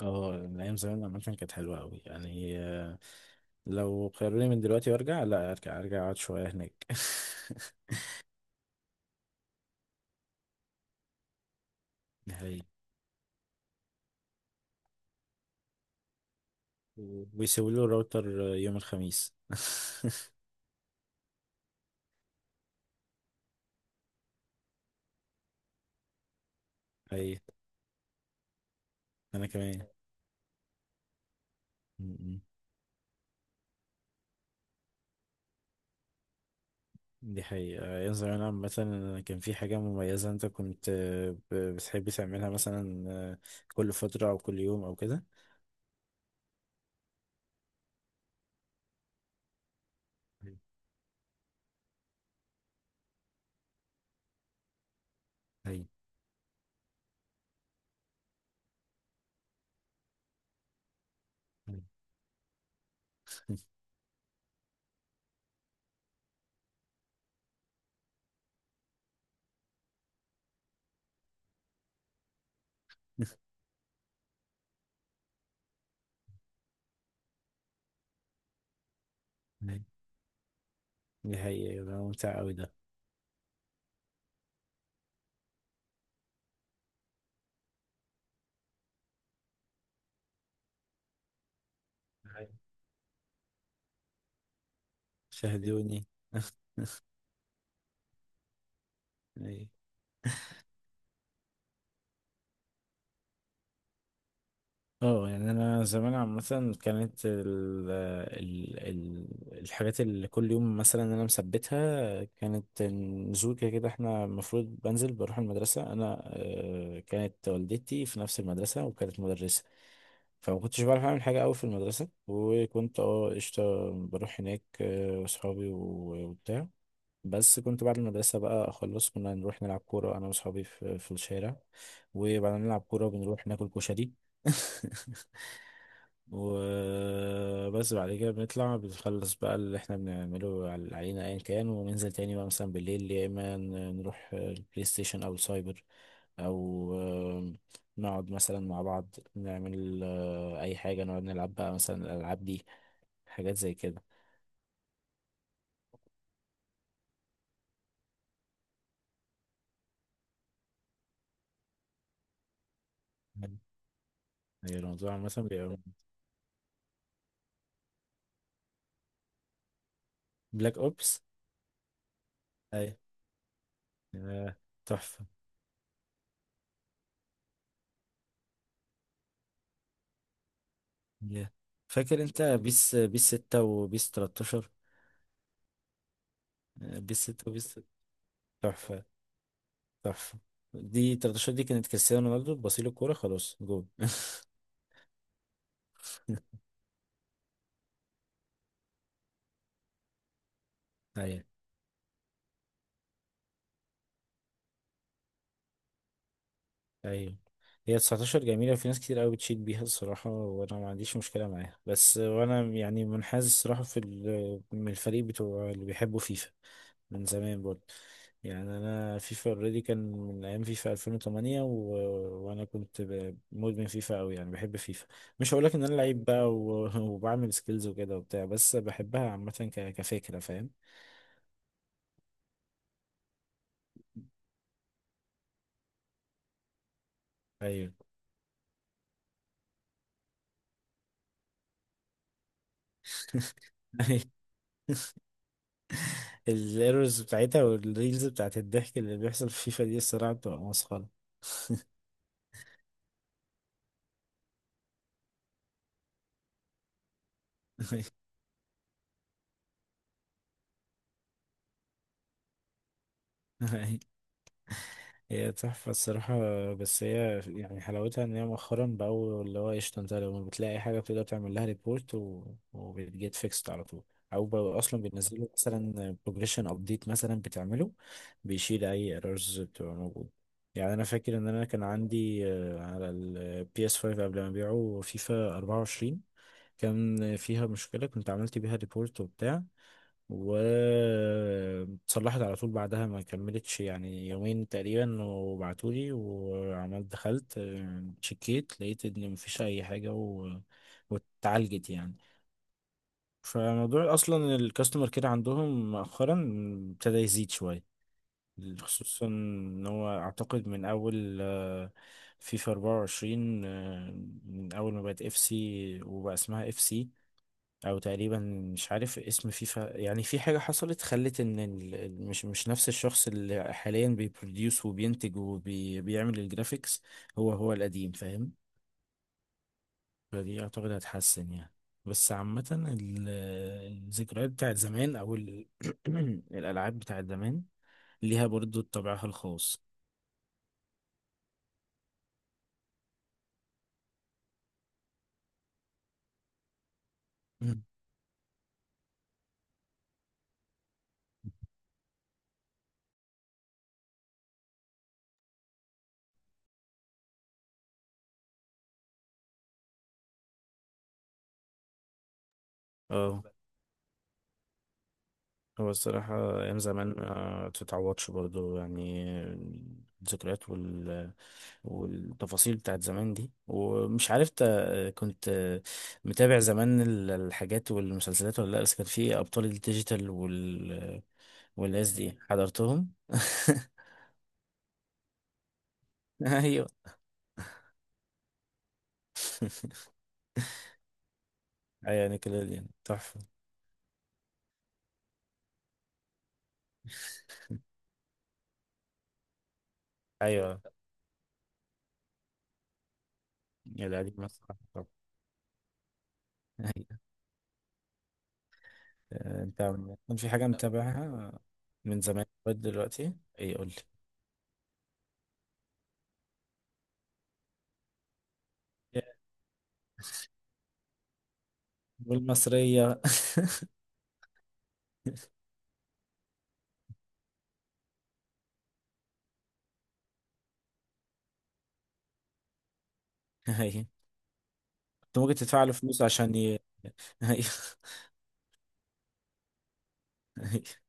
اه، من ايام زمان الاماكن كانت حلوه قوي، يعني لو خيروني من دلوقتي وارجع، لا ارجع ارجع اقعد شويه هناك ده حقيقي، ويسيبوا لي الراوتر يوم الخميس اي، انا كمان. م- م. دي حقيقة، أيام زمان عامة. أنا كان في حاجة مميزة. أنت كنت، بتحب تعملها مثلا كل فترة أو كل يوم أو كده؟ أيوة. أيوة. أيوة. أيوة. دي حقيقة، ده ممتع أوي ده. أيوة. شاهدوني. أي. اه يعني انا زمان عامه، كانت ال الحاجات اللي كل يوم مثلا انا مثبتها، كانت نزول. كده كده احنا المفروض بنزل بروح المدرسه. انا كانت والدتي في نفس المدرسه وكانت مدرسه، فما كنتش بعرف اعمل حاجه قوي في المدرسه، وكنت اه قشطه بروح هناك واصحابي و- وبتاع. بس كنت بعد المدرسة بقى أخلص، كنا نروح نلعب كورة أنا وأصحابي في الشارع، وبعد ما نلعب كورة بنروح ناكل كشري. وبس بعد كده بنطلع، بنخلص بقى اللي احنا بنعمله على العينة ايا كان، وننزل تاني بقى مثلا بالليل، يا اما نروح البلاي ستيشن او السايبر، او نقعد مثلا مع بعض، نعمل اي حاجة، نقعد نلعب بقى مثلا الالعاب دي، حاجات زي كده. مم. هي الموضوع مثلا بيبقى بلاك اوبس. اي آه، تحفة. يا، فاكر انت بيس 6 وبيس 13؟ بيس 6 وبيس، تحفة. صح، دي 13 دي كانت كريستيانو رونالدو بصيل الكورة خلاص جول. ايوه، ايوه، هي 19 جميلة، وفي ناس كتير قوي بتشيد بيها الصراحة، وانا ما عنديش مشكلة معاها، بس وانا يعني منحاز الصراحة في ال-، من الفريق بتوع اللي بيحبوا فيفا من زمان برضه. يعني انا فيفا اوريدي كان من ايام فيفا 2008. وانا كنت، مدمن فيفا قوي، يعني بحب فيفا. مش هقولك ان انا لعيب بقى و... وبعمل سكيلز وكده وبتاع، بس بحبها عامة، كفكرة، فاهم؟ أيوه. الايرورز بتاعتها والريلز بتاعت الضحك اللي بيحصل في فيفا دي الصراحة بتبقى مسخرة. هي تحفة الصراحة. بس هي يعني حلاوتها ان هي مؤخرا بقوا اللي هو قشطة، انت لما بتلاقي حاجة بتقدر تعمل لها ريبورت، و... وبتجيت فيكست على طول، او بقوا اصلا بينزلوا مثلا بروجريشن ابديت مثلا بتعمله، بيشيل اي ايرورز بتبقى موجودة. يعني انا فاكر ان انا كان عندي على البي اس 5 قبل ما ابيعه، فيفا 24 كان فيها مشكلة، كنت عملت بيها ريبورت وبتاع، واتصلحت على طول بعدها، ما كملتش يعني يومين تقريبا وبعتولي، وعملت دخلت شكيت، لقيت ان مفيش اي حاجة، و... واتعالجت يعني. فموضوع اصلا الكاستمر كير عندهم مؤخرا ابتدى يزيد شوية، خصوصا ان هو اعتقد من اول فيفا 24 من اول ما بقت اف سي وبقى اسمها اف سي، او تقريبا مش عارف اسم فيفا. يعني في حاجة حصلت خلت ان ال...، ال- مش نفس الشخص اللي حاليا بيبروديوس وبينتج وبيعمل الجرافيكس، هو هو القديم، فاهم؟ فدي اعتقد هتحسن يعني. بس عامة ال- الذكريات بتاعت زمان، او ال... الالعاب بتاعت زمان ليها برضو طابعها الخاص. مم. اه، هو الصراحة أيام زمان ما تتعوضش برضو يعني. الذكريات وال... والتفاصيل بتاعت زمان دي، ومش عارف، كنت متابع زمان ال- الحاجات والمسلسلات ولا لأ؟ بس كان في أبطال الديجيتال وال... والناس دي حضرتهم. أيوة. أيوة، نيكلوديان تحفة. أيوة، يا القديم مسرح طب. أيوة. أنت كان في حاجة متابعها من زمان لغاية دلوقتي؟ إيه، قول لي. والمصرية. أيوة. أنت ممكن تدفع له فلوس عشان أيوة. أيوة.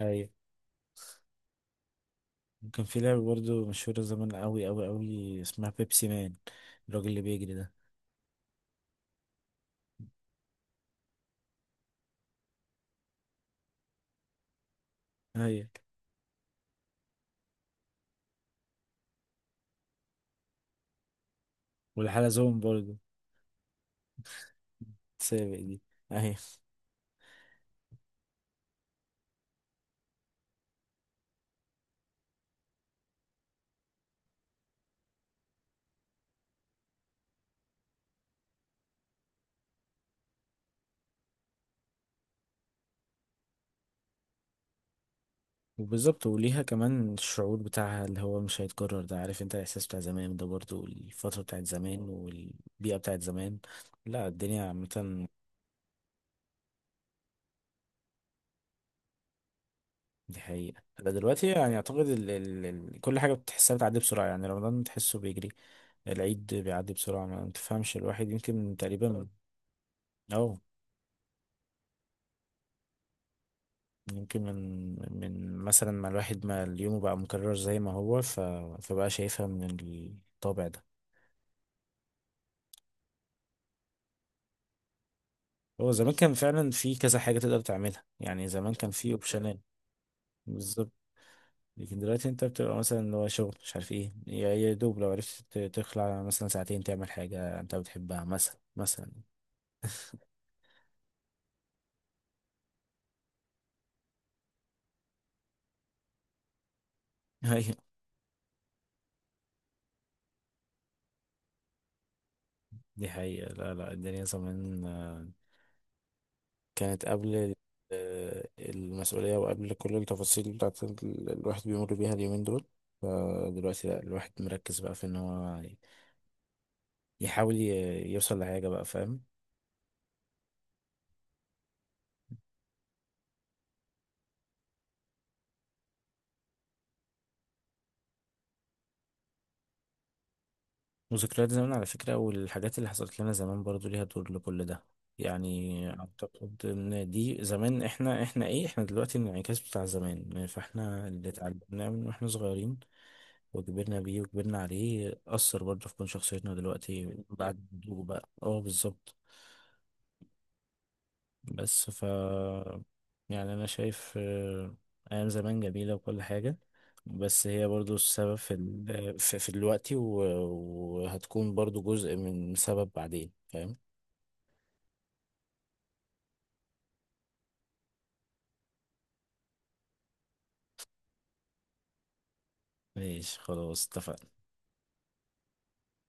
أيوة كان في لعبة برضه مشهورة زمان، أوي أوي أوي، اسمها بيبسي مان، الراجل اللي بيجري ده. أيوة. والحلزون برضه، سابق دي. أيوة. وبالظبط، وليها كمان الشعور بتاعها اللي هو مش هيتكرر ده، عارف أنت الإحساس بتاع زمان ده برضه، والفترة بتاعت زمان، والبيئة بتاعت زمان. لا، الدنيا عامة. دي حقيقة، ده دلوقتي يعني أعتقد ال... ال... ال... كل حاجة بتحسها بتعدي بسرعة، يعني رمضان تحسه بيجري، العيد بيعدي بسرعة ما تفهمش، الواحد يمكن تقريبا، أو يمكن من مثلا ما اليوم بقى مكرر زي ما هو، ف... فبقى شايفها من الطابع ده. هو زمان كان فعلا في كذا حاجة تقدر تعملها، يعني زمان كان في اوبشنات، بالظبط. لكن دلوقتي انت بتبقى مثلا اللي هو شغل مش عارف ايه، يا دوب لو عرفت تخلع مثلا ساعتين تعمل حاجة انت بتحبها مثلا، مثلا. ايوه. دي حقيقة، لا لا الدنيا زمان كانت قبل ال- المسؤولية، وقبل كل التفاصيل بتاعت ال- الواحد بيمر بيها اليومين دول، فدلوقتي لا، الواحد مركز بقى في ان هو يحاول يوصل لحاجة بقى، فاهم؟ وذكريات زمان على فكرة، والحاجات اللي حصلت لنا زمان برضو ليها دور لكل ده. يعني اعتقد ان دي زمان احنا، احنا ايه احنا دلوقتي الانعكاس بتاع زمان، فاحنا اللي اتعلمناه من واحنا صغيرين وكبرنا بيه وكبرنا عليه أثر برضه في كون شخصيتنا دلوقتي بعد النضوج بقى، اه بالظبط. بس ف، يعني انا شايف ايام زمان جميله وكل حاجه، بس هي برضو السبب في ال... في دلوقتي، و... وهتكون برضو جزء من سبب بعدين، فاهم؟ ماشي، خلاص اتفقنا.